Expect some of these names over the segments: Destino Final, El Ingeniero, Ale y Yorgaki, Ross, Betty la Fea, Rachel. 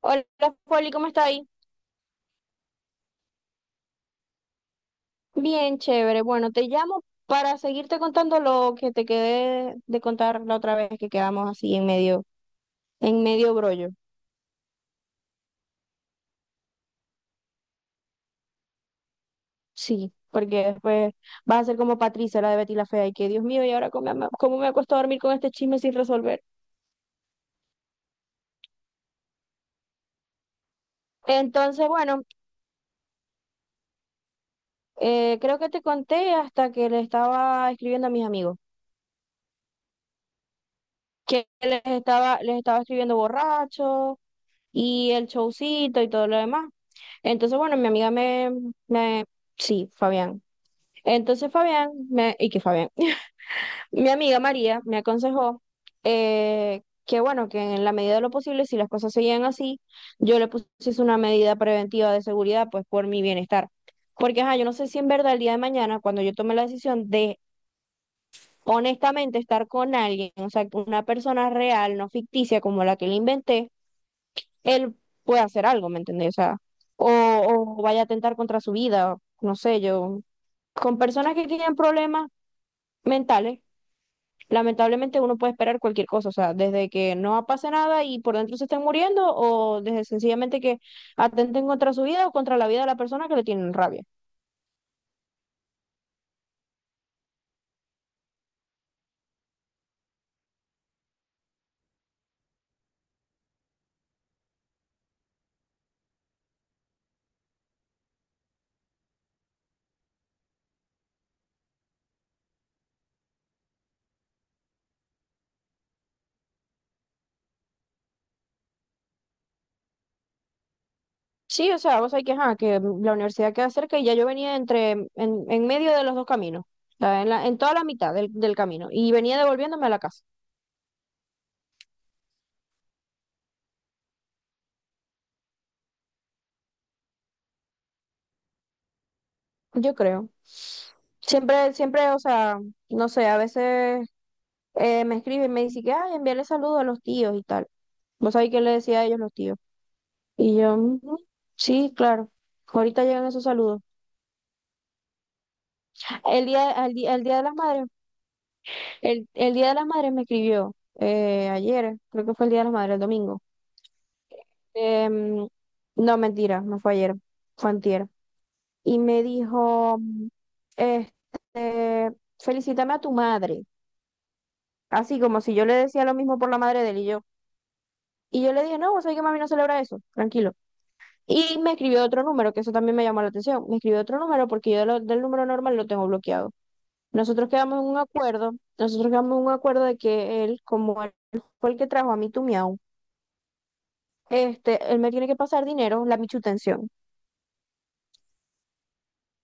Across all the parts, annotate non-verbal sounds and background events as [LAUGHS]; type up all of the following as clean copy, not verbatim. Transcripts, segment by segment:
Hola, Foli, ¿cómo está ahí? Bien, chévere. Bueno, te llamo para seguirte contando lo que te quedé de contar la otra vez que quedamos así en medio brollo. Sí, porque después vas a ser como Patricia, la de Betty la Fea, y que Dios mío, ¿y ahora cómo me acuesto a dormir con este chisme sin resolver? Entonces, bueno, creo que te conté hasta que le estaba escribiendo a mis amigos, que les estaba escribiendo borracho y el showcito y todo lo demás. Entonces, bueno, mi amiga me, me, sí, Fabián. Entonces Fabián, me, y que Fabián, [LAUGHS] Mi amiga María me aconsejó que bueno, que en la medida de lo posible, si las cosas seguían así, yo le pusiese una medida preventiva de seguridad, pues por mi bienestar. Porque, ajá, yo no sé si en verdad el día de mañana, cuando yo tome la decisión de honestamente estar con alguien, o sea, una persona real, no ficticia como la que le inventé, él puede hacer algo, ¿me entendés? O sea, o, o vaya a atentar contra su vida, no sé, yo. Con personas que tienen problemas mentales, lamentablemente uno puede esperar cualquier cosa, o sea, desde que no pase nada y por dentro se estén muriendo, o desde sencillamente que atenten contra su vida o contra la vida de la persona que le tienen rabia. Sí, o sea, vos sabés que, ajá, que la universidad queda cerca y ya yo venía en medio de los dos caminos, o sea, en toda la mitad del camino y venía devolviéndome a la casa. Yo creo. Siempre, siempre, o sea, no sé, a veces me escriben y me dicen que, ay, envíale saludos a los tíos y tal. ¿Vos sabés qué le decía a ellos los tíos? Y yo, "Ujú, sí, claro. Ahorita llegan esos saludos. El día, el día el día de las madres, el día de las madres me escribió ayer, creo que fue el día de las madres, el domingo. Em, no, mentira, no fue ayer, fue antier. Y me dijo, este, felicítame a tu madre. Así como si yo le decía lo mismo por la madre de él y yo. Y yo le dije, no, vos sabés que mami no celebra eso, tranquilo. Y me escribió otro número, que eso también me llamó la atención. Me escribió otro número porque yo del número normal lo tengo bloqueado. Nosotros quedamos en un acuerdo, Nosotros quedamos en un acuerdo de que él, como él fue el que trajo a mi tu miau, él me tiene que pasar dinero, la michutención.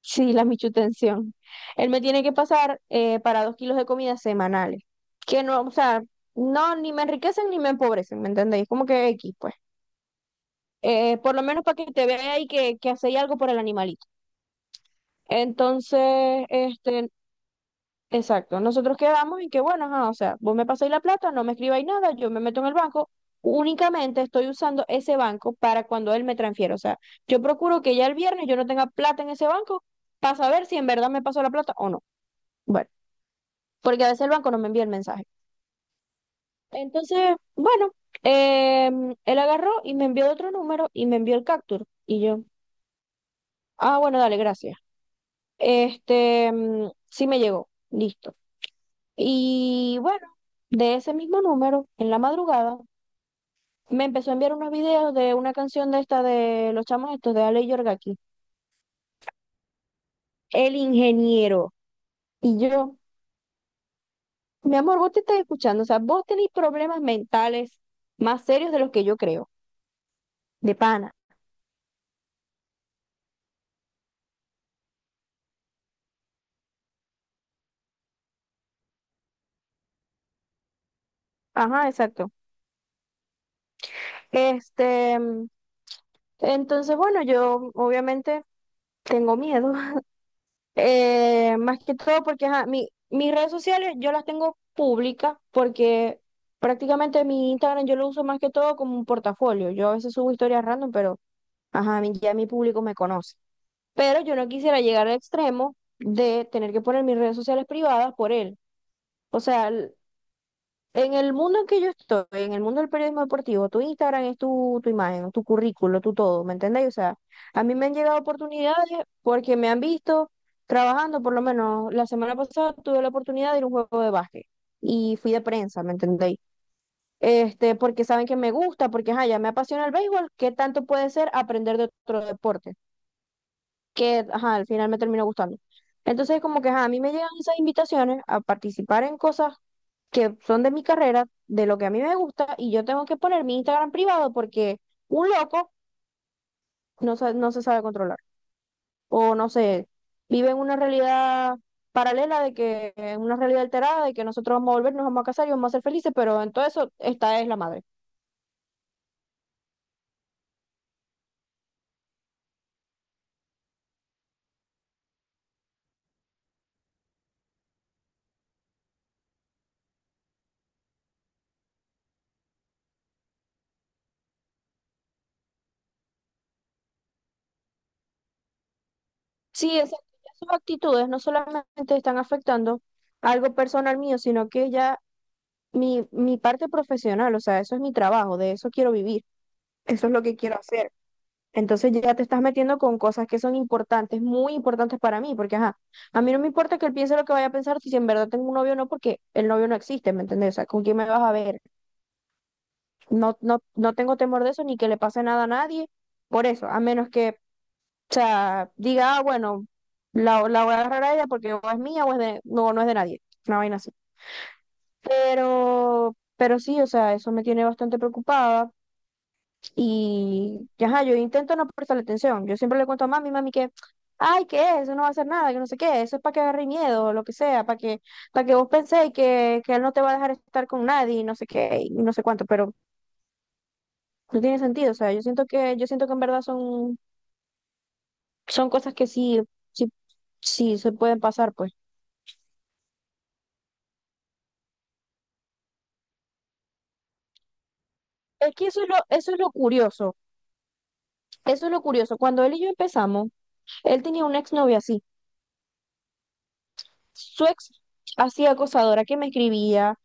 Sí, la michutención. Él me tiene que pasar para 2 kilos de comida semanales. Que no, o sea, no, ni me enriquecen ni me empobrecen, ¿me entendéis? Como que X, pues. Por lo menos para que te vea y que hacéis algo por el animalito. Entonces, exacto, nosotros quedamos en que, bueno, ajá, o sea, vos me pasáis la plata, no me escribáis nada, yo me meto en el banco, únicamente estoy usando ese banco para cuando él me transfiera, o sea, yo procuro que ya el viernes yo no tenga plata en ese banco para saber si en verdad me pasó la plata o no. Bueno, porque a veces el banco no me envía el mensaje. Entonces, bueno, él agarró y me envió otro número y me envió el capture y yo, ah, bueno, dale, gracias. Sí me llegó, listo. Y bueno, de ese mismo número, en la madrugada, me empezó a enviar unos videos de una canción de esta de los chamos estos de Ale y Yorgaki, El Ingeniero. Y yo, mi amor, vos te estás escuchando, o sea, vos tenés problemas mentales más serios de los que yo creo, de pana. Ajá, exacto. Este, mm, entonces, bueno, yo obviamente tengo miedo. [LAUGHS] Más que todo porque ajá, mis redes sociales yo las tengo públicas porque prácticamente mi Instagram yo lo uso más que todo como un portafolio. Yo a veces subo historias random, pero ajá, ya mi público me conoce. Pero yo no quisiera llegar al extremo de tener que poner mis redes sociales privadas por él. O sea, en el mundo en que yo estoy, en el mundo del periodismo deportivo, tu Instagram es tu, imagen, tu currículo, tu todo, ¿me entendéis? O sea, a mí me han llegado oportunidades porque me han visto trabajando, por lo menos la semana pasada tuve la oportunidad de ir a un juego de básquet y fui de prensa, ¿me entendéis? Porque saben que me gusta, porque ajá, ya me apasiona el béisbol, ¿qué tanto puede ser aprender de otro deporte? Que ajá, al final me terminó gustando. Entonces, como que ajá, a mí me llegan esas invitaciones a participar en cosas que son de mi carrera, de lo que a mí me gusta, y yo tengo que poner mi Instagram privado porque un loco no se sabe controlar. O no sé, vive en una realidad paralela de que, en una realidad alterada de que nosotros vamos a volver, nos vamos a casar y vamos a ser felices, pero en todo eso, esta es la madre. Sí, sus actitudes no solamente están afectando algo personal mío, sino que ya mi parte profesional, o sea, eso es mi trabajo, de eso quiero vivir, eso es lo que quiero hacer. Entonces ya te estás metiendo con cosas que son importantes, muy importantes para mí, porque ajá, a mí no me importa que él piense lo que vaya a pensar si en verdad tengo un novio o no, porque el novio no existe, ¿me entendés? O sea, ¿con quién me vas a ver? No, no, no tengo temor de eso, ni que le pase nada a nadie, por eso, a menos que, o sea, diga, ah, bueno, la voy a agarrar a ella porque o es mía o es de, no, no es de nadie, una vaina así. Pero sí, o sea, eso me tiene bastante preocupada. Y ajá, yo intento no prestarle atención. Yo siempre le cuento a mami, mami, que, ay, que eso no va a hacer nada, que no sé qué, eso es para que agarre miedo, o lo que sea, para que vos penséis que él no te va a dejar estar con nadie, y no sé qué, y no sé cuánto, pero no tiene sentido. O sea, yo siento que en verdad son, cosas que sí, sí, sí se pueden pasar, pues. Es que eso es lo curioso. Cuando él y yo empezamos, él tenía una exnovia así. Su ex así acosadora que me escribía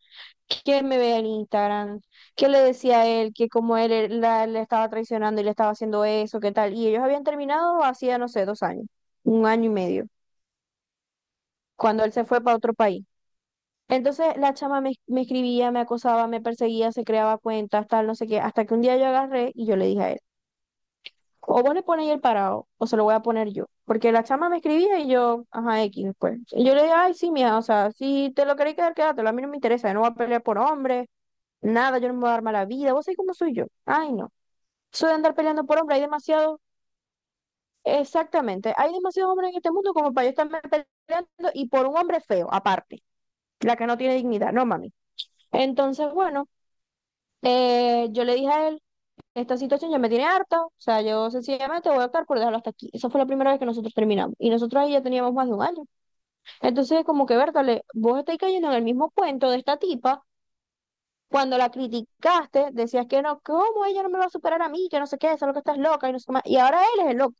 que me vea en Instagram, que le decía a él que como él le estaba traicionando y le estaba haciendo eso, qué tal. Y ellos habían terminado hacía, no sé, 2 años, un año y medio, cuando él se fue para otro país. Entonces la chama me escribía, me acosaba, me perseguía, se creaba cuentas, tal, no sé qué, hasta que un día yo agarré y yo le dije a él, o vos le pones el parado, o se lo voy a poner yo. Porque la chama me escribía y yo, ajá, X después. Y yo le dije, ay, sí, mija, o sea, si te lo queréis quedar, quédatelo, a mí no me interesa, yo no voy a pelear por hombres. Nada, yo no me voy a dar mala vida. ¿Vos sabés cómo soy yo? Ay, no. Soy de andar peleando por hombre. Exactamente, hay demasiados hombres en este mundo como para yo estarme peleando y por un hombre feo, aparte, la que no tiene dignidad, no mami. Entonces, bueno, yo le dije a él, esta situación ya me tiene harta, o sea, yo sencillamente voy a optar por dejarlo hasta aquí. Esa fue la primera vez que nosotros terminamos y nosotros ahí ya teníamos más de un año. Entonces, como que, Bertale, vos estáis cayendo en el mismo cuento de esta tipa. Cuando la criticaste, decías que no, ¿cómo ella no me va a superar a mí? Que no sé qué, solo que estás loca y no sé qué más. Y ahora él es el loco.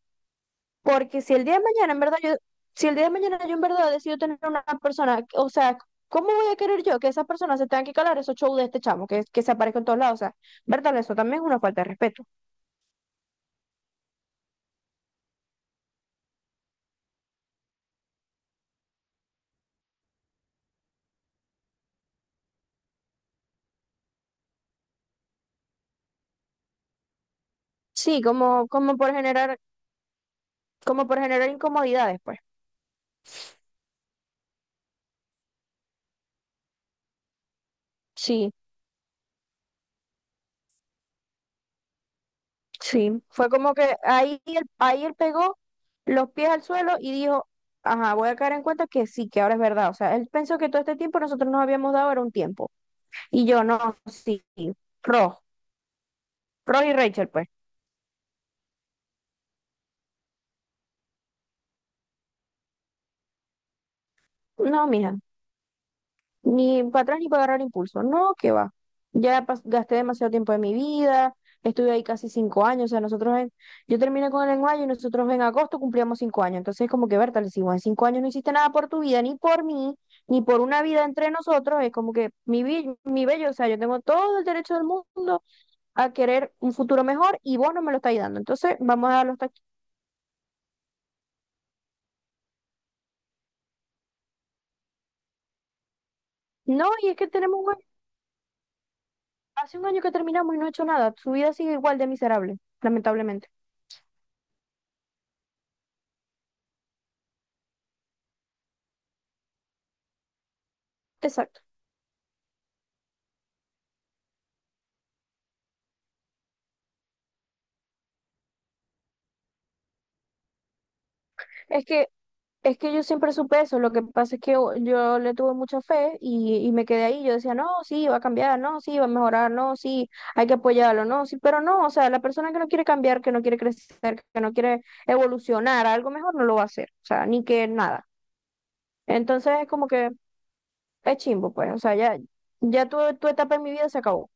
Porque si el día de mañana, en verdad, yo, si el día de mañana yo en verdad decido tener una persona, o sea, ¿cómo voy a querer yo que esas personas se tengan que calar esos shows de este chamo que, se aparezca en todos lados? O sea, verdad, eso también es una falta de respeto. Sí, como por generar incomodidades, pues. Sí, Sí, fue como que ahí él pegó los pies al suelo y dijo, ajá, voy a caer en cuenta que sí, que ahora es verdad. O sea, él pensó que todo este tiempo nosotros nos habíamos dado era un tiempo. Y yo, no, sí, Ross, Ross y Rachel, pues. No, mija. Ni para atrás ni para agarrar impulso. No, que va. Gasté demasiado tiempo de mi vida, estuve ahí casi 5 años. O sea, yo terminé con el lenguaje y nosotros en agosto cumplíamos 5 años. Entonces, como que, Berta, le decimos, en 5 años no hiciste nada por tu vida, ni por mí, ni por una vida entre nosotros. Es como que mi bello, o sea, yo tengo todo el derecho del mundo a querer un futuro mejor y vos no me lo estáis dando. Entonces, vamos a darlo hasta aquí. No, y es que hace un año que terminamos y no he hecho nada. Su vida sigue igual de miserable, lamentablemente. Exacto. Es que, es que yo siempre supe eso, lo que pasa es que yo le tuve mucha fe y me quedé ahí, yo decía, no, sí, va a cambiar, no, sí, va a mejorar, no, sí, hay que apoyarlo, no, sí, pero no, o sea, la persona que no quiere cambiar, que no quiere crecer, que no quiere evolucionar a algo mejor, no lo va a hacer, o sea, ni que nada. Entonces es como que es chimbo, pues, o sea, ya, ya tu, etapa en mi vida se acabó.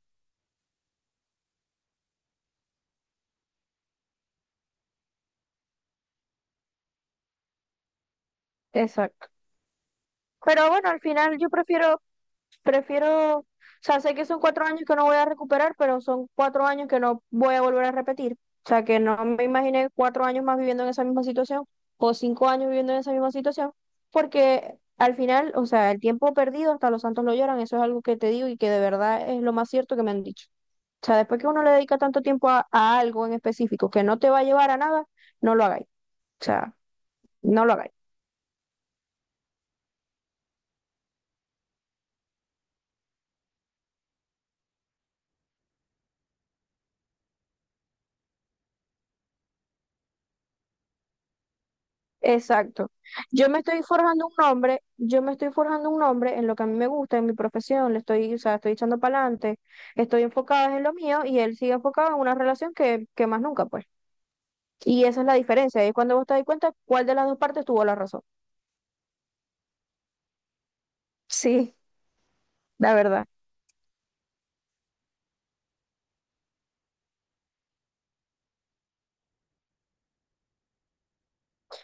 Exacto. Pero bueno, al final yo prefiero, o sea, sé que son 4 años que no voy a recuperar, pero son 4 años que no voy a volver a repetir. O sea, que no me imaginé 4 años más viviendo en esa misma situación o 5 años viviendo en esa misma situación, porque al final, o sea, el tiempo perdido hasta los santos lo lloran, eso es algo que te digo y que de verdad es lo más cierto que me han dicho. O sea, después que uno le dedica tanto tiempo a, algo en específico que no te va a llevar a nada, no lo hagáis. O sea, no lo hagáis. Exacto. Yo me estoy forjando un nombre, yo me estoy forjando un nombre en lo que a mí me gusta, en mi profesión, le estoy, o sea, estoy echando para adelante, estoy enfocada en lo mío y él sigue enfocado en una relación que, más nunca, pues. Y esa es la diferencia, es cuando vos te das cuenta cuál de las dos partes tuvo la razón. Sí, la verdad.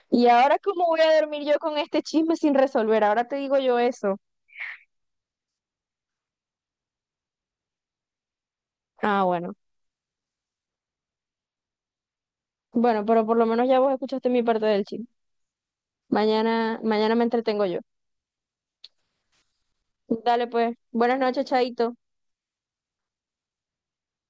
¿Y ahora cómo voy a dormir yo con este chisme sin resolver? Ahora te digo yo eso. Ah, bueno. Bueno, pero por lo menos ya vos escuchaste mi parte del chisme. Mañana, mañana me entretengo yo. Dale pues. Buenas noches, Chaito.